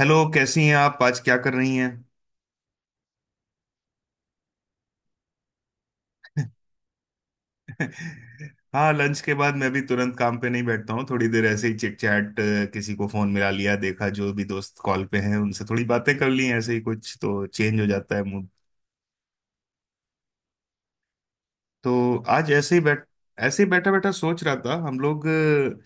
Hello, कैसी हैं आप? आज क्या कर रही हैं? हाँ, लंच के बाद मैं भी तुरंत काम पे नहीं बैठता हूँ। थोड़ी देर ऐसे ही चिट चैट, किसी को फोन मिला लिया, देखा जो भी दोस्त कॉल पे हैं उनसे थोड़ी बातें कर ली। ऐसे ही कुछ तो चेंज हो जाता है मूड। तो आज ऐसे ही बैठ, ऐसे ही बैठा बैठा सोच रहा था। हम लोग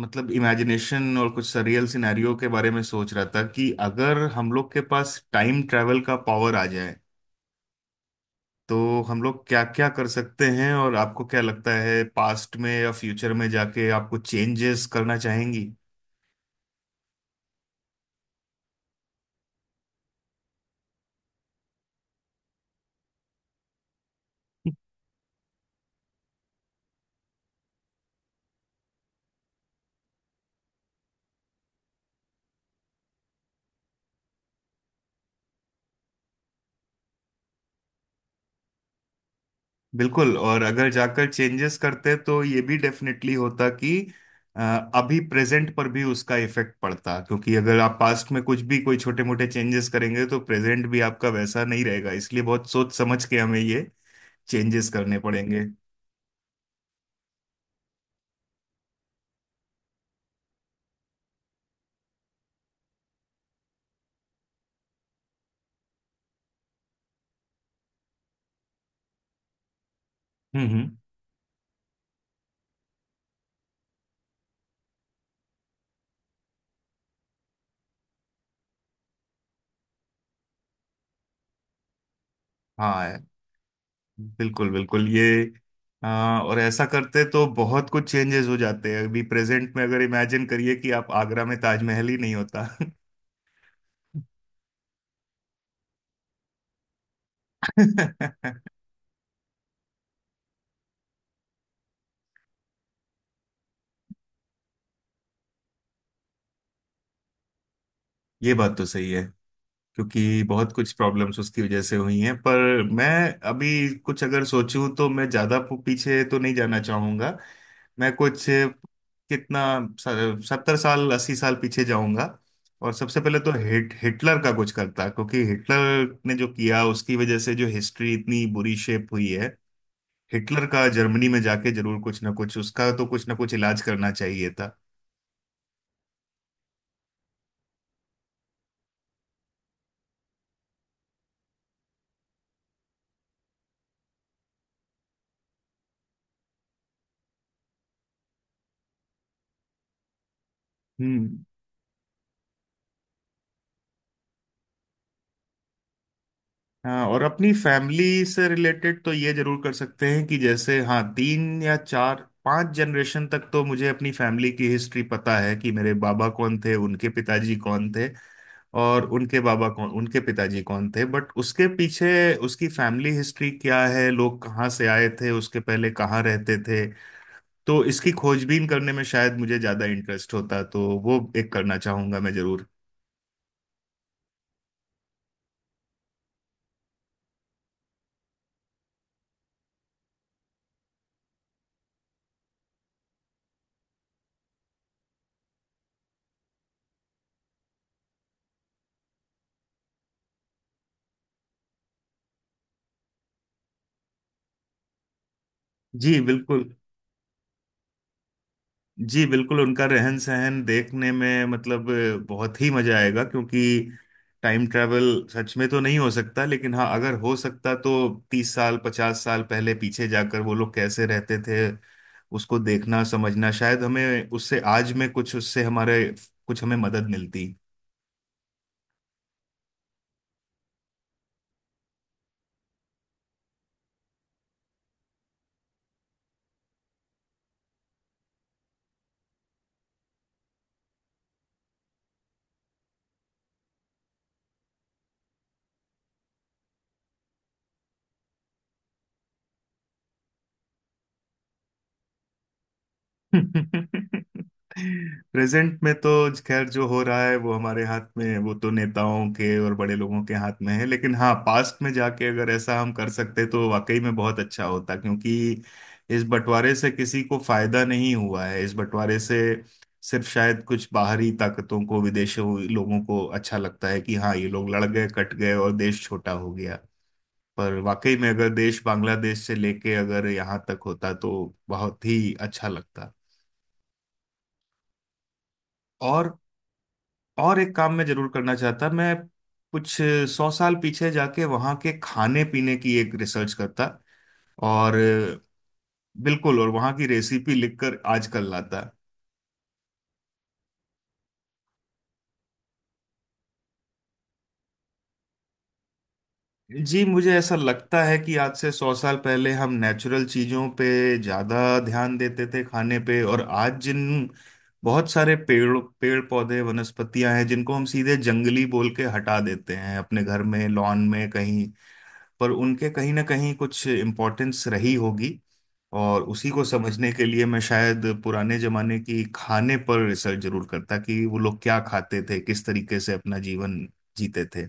मतलब इमेजिनेशन और कुछ सरियल सिनेरियो के बारे में सोच रहा था कि अगर हम लोग के पास टाइम ट्रैवल का पावर आ जाए तो हम लोग क्या क्या कर सकते हैं। और आपको क्या लगता है, पास्ट में या फ्यूचर में जाके आपको चेंजेस करना चाहेंगी? बिल्कुल। और अगर जाकर चेंजेस करते तो ये भी डेफिनेटली होता कि अ, अभी प्रेजेंट पर भी उसका इफेक्ट पड़ता, क्योंकि अगर आप पास्ट में कुछ भी कोई छोटे मोटे चेंजेस करेंगे तो प्रेजेंट भी आपका वैसा नहीं रहेगा। इसलिए बहुत सोच समझ के हमें ये चेंजेस करने पड़ेंगे। हम्म। हाँ, बिल्कुल बिल्कुल। ये और ऐसा करते तो बहुत कुछ चेंजेस हो जाते हैं अभी प्रेजेंट में। अगर इमेजिन करिए कि आप आगरा में ताजमहल ही नहीं होता। ये बात तो सही है, क्योंकि बहुत कुछ प्रॉब्लम्स उसकी वजह से हुई हैं। पर मैं अभी कुछ अगर सोचूं तो मैं ज़्यादा पीछे तो नहीं जाना चाहूंगा। मैं कुछ, कितना, 70 साल 80 साल पीछे जाऊंगा। और सबसे पहले तो हिटलर का कुछ करता, क्योंकि हिटलर ने जो किया उसकी वजह से जो हिस्ट्री इतनी बुरी शेप हुई है। हिटलर का जर्मनी में जाके जरूर कुछ ना कुछ, उसका तो कुछ ना कुछ इलाज करना चाहिए था। हम्म। हाँ, और अपनी फैमिली से रिलेटेड तो ये जरूर कर सकते हैं कि जैसे हाँ, 3 या 4 5 जनरेशन तक तो मुझे अपनी फैमिली की हिस्ट्री पता है कि मेरे बाबा कौन थे, उनके पिताजी कौन थे, और उनके बाबा कौन, उनके पिताजी कौन थे। बट उसके पीछे उसकी फैमिली हिस्ट्री क्या है, लोग कहाँ से आए थे, उसके पहले कहाँ रहते थे, तो इसकी खोजबीन करने में शायद मुझे ज्यादा इंटरेस्ट होता, तो वो एक करना चाहूंगा मैं जरूर। जी बिल्कुल। जी बिल्कुल, उनका रहन सहन देखने में मतलब बहुत ही मजा आएगा, क्योंकि टाइम ट्रैवल सच में तो नहीं हो सकता, लेकिन हाँ अगर हो सकता तो 30 साल 50 साल पहले पीछे जाकर वो लोग कैसे रहते थे, उसको देखना समझना, शायद हमें उससे आज में कुछ उससे हमारे कुछ हमें मदद मिलती। प्रेजेंट में तो खैर जो हो रहा है, वो हमारे हाथ में है, वो तो नेताओं के और बड़े लोगों के हाथ में है। लेकिन हाँ, पास्ट में जाके अगर ऐसा हम कर सकते तो वाकई में बहुत अच्छा होता, क्योंकि इस बंटवारे से किसी को फायदा नहीं हुआ है। इस बंटवारे से सिर्फ शायद कुछ बाहरी ताकतों को, विदेशों लोगों को अच्छा लगता है कि हाँ, ये लोग लड़ गए, कट गए और देश छोटा हो गया। पर वाकई में अगर देश बांग्लादेश से लेके अगर यहाँ तक होता तो बहुत ही अच्छा लगता। और और एक काम मैं जरूर करना चाहता। मैं कुछ 100 साल पीछे जाके वहाँ के खाने पीने की एक रिसर्च करता। और बिल्कुल, और वहाँ की रेसिपी लिखकर आज कल लाता। जी, मुझे ऐसा लगता है कि आज से 100 साल पहले हम नेचुरल चीज़ों पे ज़्यादा ध्यान देते थे खाने पे। और आज जिन बहुत सारे पेड़ पेड़ पौधे वनस्पतियां हैं जिनको हम सीधे जंगली बोल के हटा देते हैं अपने घर में, लॉन में कहीं, पर उनके कहीं ना कहीं कुछ इम्पोर्टेंस रही होगी। और उसी को समझने के लिए मैं शायद पुराने जमाने की खाने पर रिसर्च जरूर करता कि वो लोग क्या खाते थे, किस तरीके से अपना जीवन जीते थे।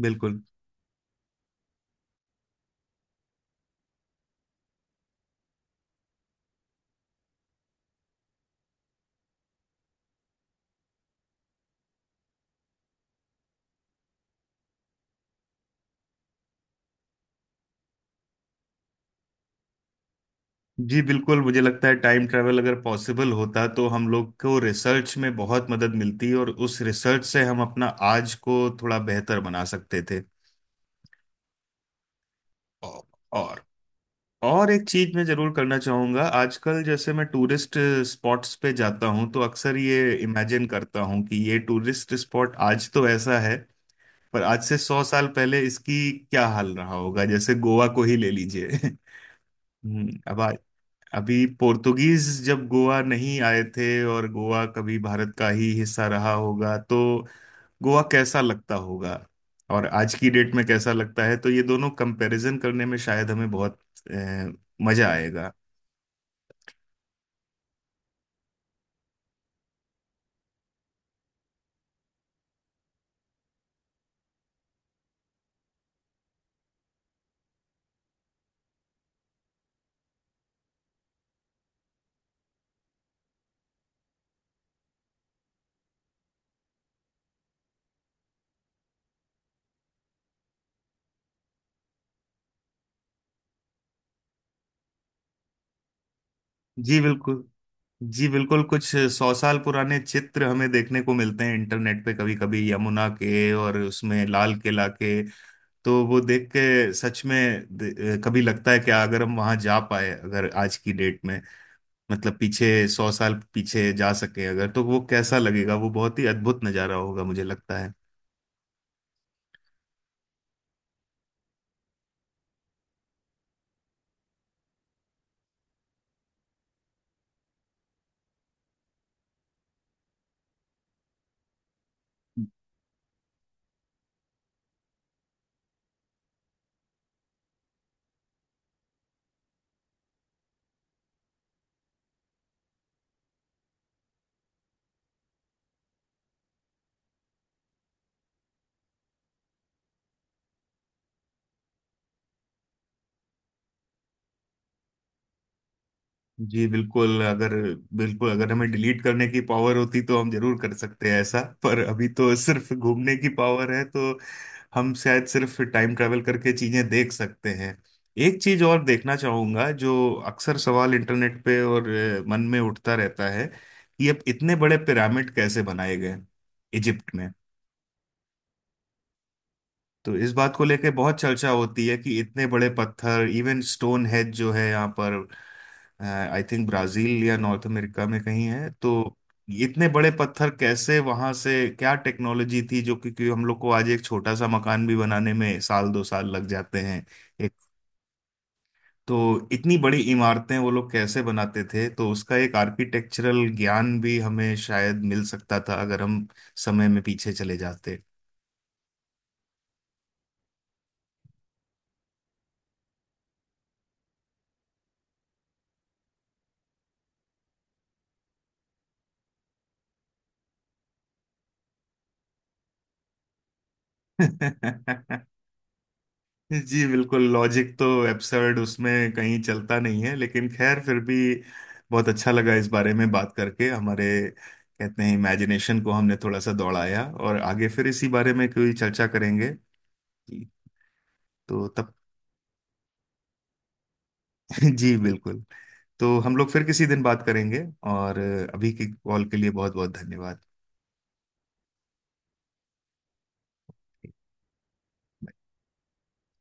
बिल्कुल। जी बिल्कुल, मुझे लगता है टाइम ट्रैवल अगर पॉसिबल होता तो हम लोग को रिसर्च में बहुत मदद मिलती, और उस रिसर्च से हम अपना आज को थोड़ा बेहतर बना सकते थे। और और एक चीज मैं जरूर करना चाहूंगा। आजकल जैसे मैं टूरिस्ट स्पॉट्स पे जाता हूँ तो अक्सर ये इमेजिन करता हूँ कि ये टूरिस्ट स्पॉट आज तो ऐसा है, पर आज से 100 साल पहले इसकी क्या हाल रहा होगा। जैसे गोवा को ही ले लीजिए। अब अभी पोर्तुगीज जब गोवा नहीं आए थे और गोवा कभी भारत का ही हिस्सा रहा होगा, तो गोवा कैसा लगता होगा और आज की डेट में कैसा लगता है, तो ये दोनों कंपैरिजन करने में शायद हमें बहुत अ, मजा आएगा। जी बिल्कुल। जी बिल्कुल, कुछ 100 साल पुराने चित्र हमें देखने को मिलते हैं इंटरनेट पे कभी कभी, यमुना के और उसमें लाल किला के, तो वो देख के सच में कभी लगता है कि अगर हम वहां जा पाए, अगर आज की डेट में मतलब पीछे 100 साल पीछे जा सके अगर, तो वो कैसा लगेगा, वो बहुत ही अद्भुत नजारा होगा मुझे लगता है। जी बिल्कुल, अगर हमें डिलीट करने की पावर होती तो हम जरूर कर सकते हैं ऐसा, पर अभी तो सिर्फ घूमने की पावर है, तो हम शायद सिर्फ टाइम ट्रैवल करके चीजें देख सकते हैं। एक चीज और देखना चाहूंगा जो अक्सर सवाल इंटरनेट पे और मन में उठता रहता है कि अब इतने बड़े पिरामिड कैसे बनाए गए इजिप्ट में। तो इस बात को लेकर बहुत चर्चा होती है कि इतने बड़े पत्थर, इवन स्टोन हेड जो है यहाँ पर, आई थिंक ब्राजील या नॉर्थ अमेरिका में कहीं है, तो इतने बड़े पत्थर कैसे वहां से, क्या टेक्नोलॉजी थी जो कि हम लोग को आज एक छोटा सा मकान भी बनाने में साल 2 साल लग जाते हैं एक, तो इतनी बड़ी इमारतें वो लोग कैसे बनाते थे? तो उसका एक आर्किटेक्चरल ज्ञान भी हमें शायद मिल सकता था अगर हम समय में पीछे चले जाते। जी बिल्कुल, लॉजिक तो एब्सर्ड उसमें कहीं चलता नहीं है, लेकिन खैर फिर भी बहुत अच्छा लगा इस बारे में बात करके। हमारे कहते हैं इमेजिनेशन को हमने थोड़ा सा दौड़ाया, और आगे फिर इसी बारे में कोई चर्चा करेंगे। जी। तो तब जी बिल्कुल, तो हम लोग फिर किसी दिन बात करेंगे। और अभी की कॉल के लिए बहुत बहुत धन्यवाद।